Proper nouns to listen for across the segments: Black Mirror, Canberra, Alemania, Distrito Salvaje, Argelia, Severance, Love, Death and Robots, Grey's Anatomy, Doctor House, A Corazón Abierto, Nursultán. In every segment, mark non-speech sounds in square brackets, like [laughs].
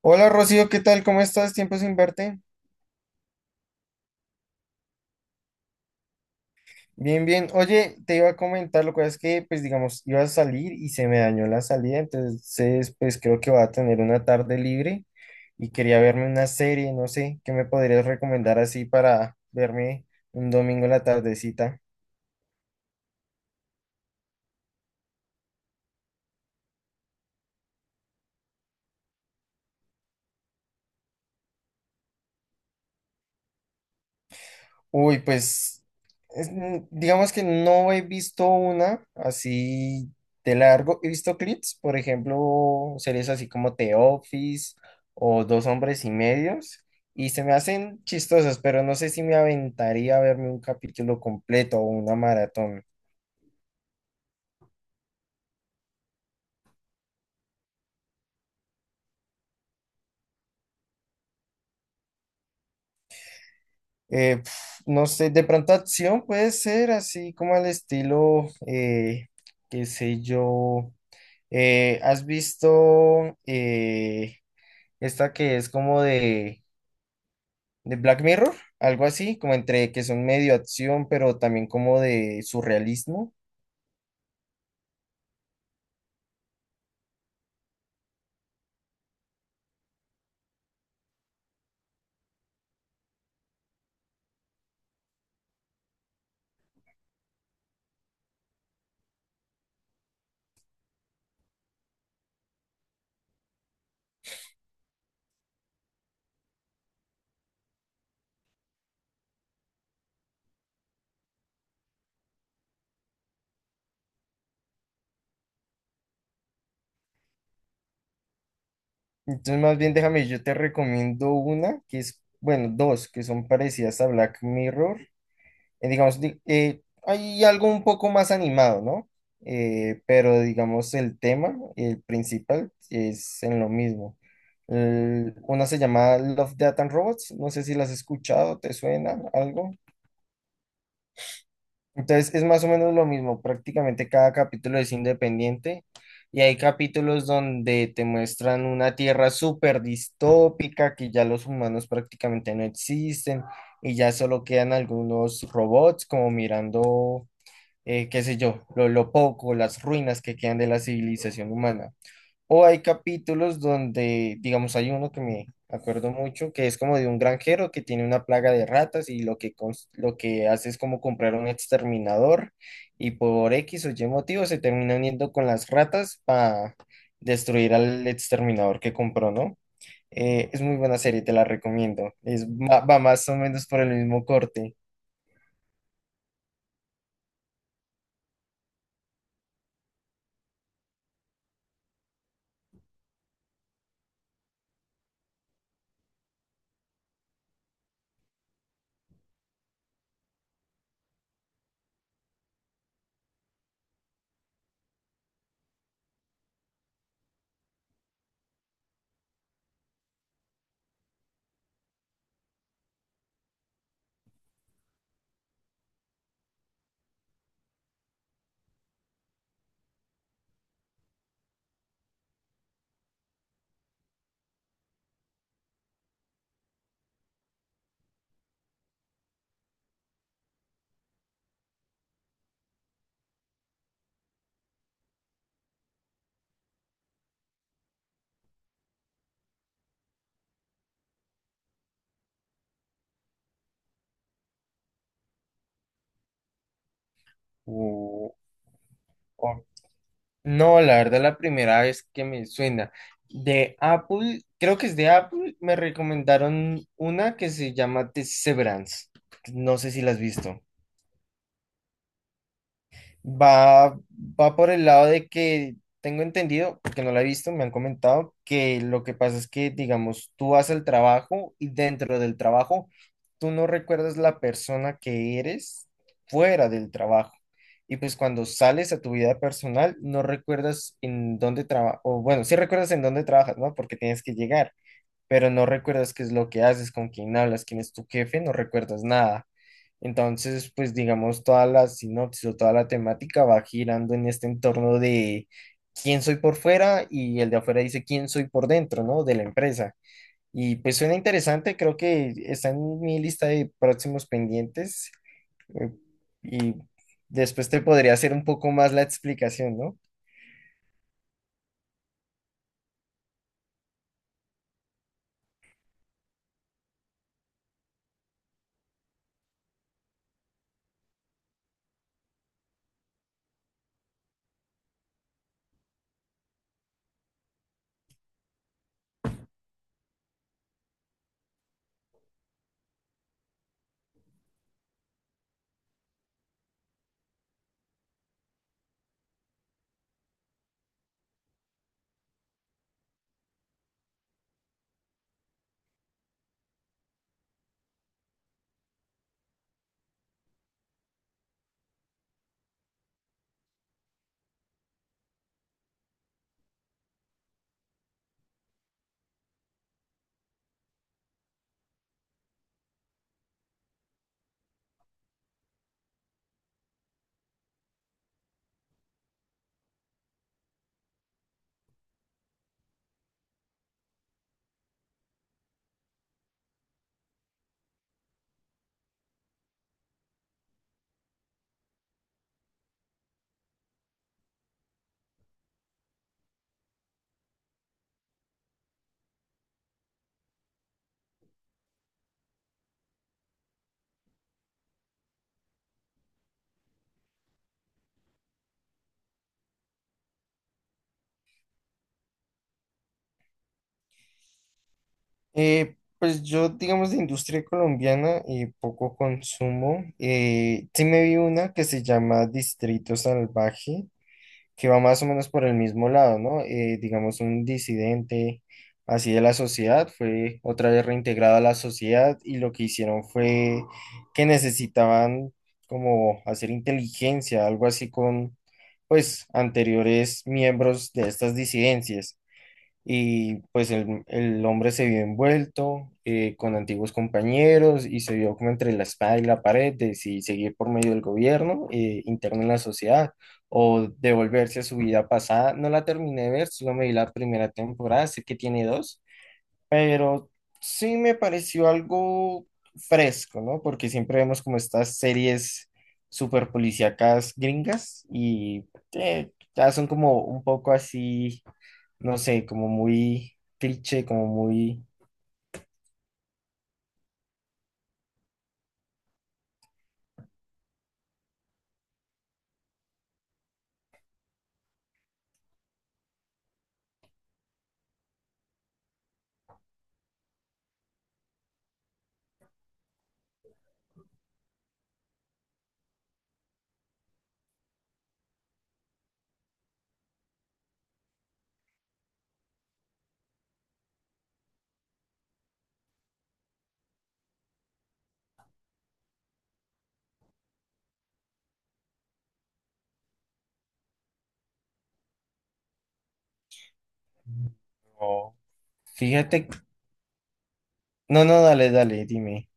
Hola Rocío, ¿qué tal? ¿Cómo estás? Tiempo sin verte. Bien, bien. Oye, te iba a comentar, lo que es que, pues digamos, iba a salir y se me dañó la salida, entonces, pues creo que voy a tener una tarde libre y quería verme una serie, no sé, ¿qué me podrías recomendar así para verme un domingo en la tardecita? Uy, pues digamos que no he visto una así de largo. He visto clips, por ejemplo, series así como The Office o Dos Hombres y Medios, y se me hacen chistosas, pero no sé si me aventaría a verme un capítulo completo o una maratón. No sé, de pronto acción puede ser así como al estilo, qué sé yo, ¿has visto... esta que es como de Black Mirror, algo así, como entre que son medio acción, pero también como de surrealismo. Entonces, más bien déjame, yo te recomiendo una que es, bueno, dos que son parecidas a Black Mirror. Digamos, hay algo un poco más animado, ¿no? Pero digamos, el tema, el principal, es en lo mismo. Una se llama Love, Death and Robots. No sé si las has escuchado, ¿te suena algo? Entonces es más o menos lo mismo, prácticamente cada capítulo es independiente y hay capítulos donde te muestran una tierra súper distópica, que ya los humanos prácticamente no existen y ya solo quedan algunos robots como mirando, qué sé yo, lo poco, las ruinas que quedan de la civilización humana. O hay capítulos donde, digamos, hay uno que me acuerdo mucho, que es como de un granjero que tiene una plaga de ratas y lo que, lo que hace es como comprar un exterminador y por X o Y motivo se termina uniendo con las ratas para destruir al exterminador que compró, ¿no? Es muy buena serie, te la recomiendo. Es, va más o menos por el mismo corte. O no, la verdad, la primera vez que me suena. De Apple, creo que es de Apple, me recomendaron una que se llama Severance. No sé si la has visto. Va, va por el lado de que tengo entendido, porque no la he visto, me han comentado que lo que pasa es que, digamos, tú vas al trabajo y dentro del trabajo tú no recuerdas la persona que eres fuera del trabajo. Y pues cuando sales a tu vida personal, no recuerdas en dónde trabajas, o bueno, sí recuerdas en dónde trabajas, ¿no? Porque tienes que llegar, pero no recuerdas qué es lo que haces, con quién hablas, quién es tu jefe, no recuerdas nada. Entonces, pues digamos, toda la sinopsis o toda la temática va girando en este entorno de quién soy por fuera y el de afuera dice quién soy por dentro, ¿no? De la empresa. Y pues suena interesante, creo que está en mi lista de próximos pendientes eh, y después te podría hacer un poco más la explicación, ¿no? Pues yo, digamos, de industria colombiana y poco consumo. Sí me vi una que se llama Distrito Salvaje, que va más o menos por el mismo lado, ¿no? Digamos, un disidente así de la sociedad fue otra vez reintegrado a la sociedad y lo que hicieron fue que necesitaban como hacer inteligencia, algo así con, pues, anteriores miembros de estas disidencias y pues el hombre se vio envuelto con antiguos compañeros y se vio como entre la espada y la pared de si seguir por medio del gobierno, interno en la sociedad o devolverse a su vida pasada. No la terminé de ver, solo me vi la primera temporada, sé que tiene dos, pero sí me pareció algo fresco, ¿no? Porque siempre vemos como estas series super policíacas gringas y, ya son como un poco así, no sé, como muy cliché, como muy... no. Fíjate, no, no, dale, dale, dime.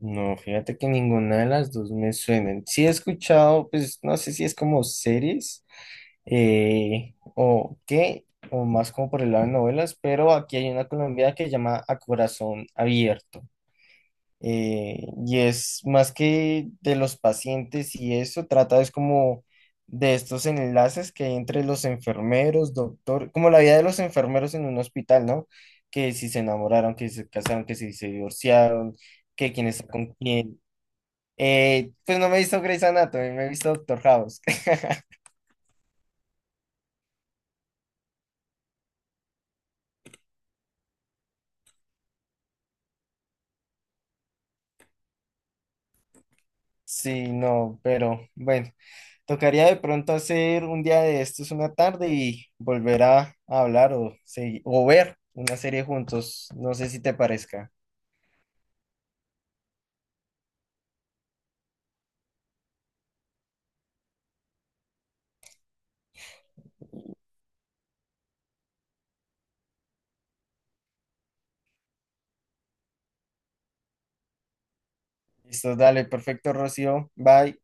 No, fíjate que ninguna de las dos me suenan. Sí he escuchado, pues no sé si es como series, o qué, o más como por el lado de novelas, pero aquí hay una colombiana que se llama A Corazón Abierto. Y es más que de los pacientes y eso, trata es como de estos enlaces que hay entre los enfermeros, doctor, como la vida de los enfermeros en un hospital, ¿no? Que si se enamoraron, que si se casaron, que si se divorciaron, que quién está con quién. Pues no me he visto Grey's Anatomy, me he visto Doctor House. [laughs] Sí, no, pero bueno. Tocaría de pronto hacer un día de estos una tarde y volver a hablar o ver una serie juntos. No sé si te parezca. Listo, dale, perfecto, Rocío. Bye.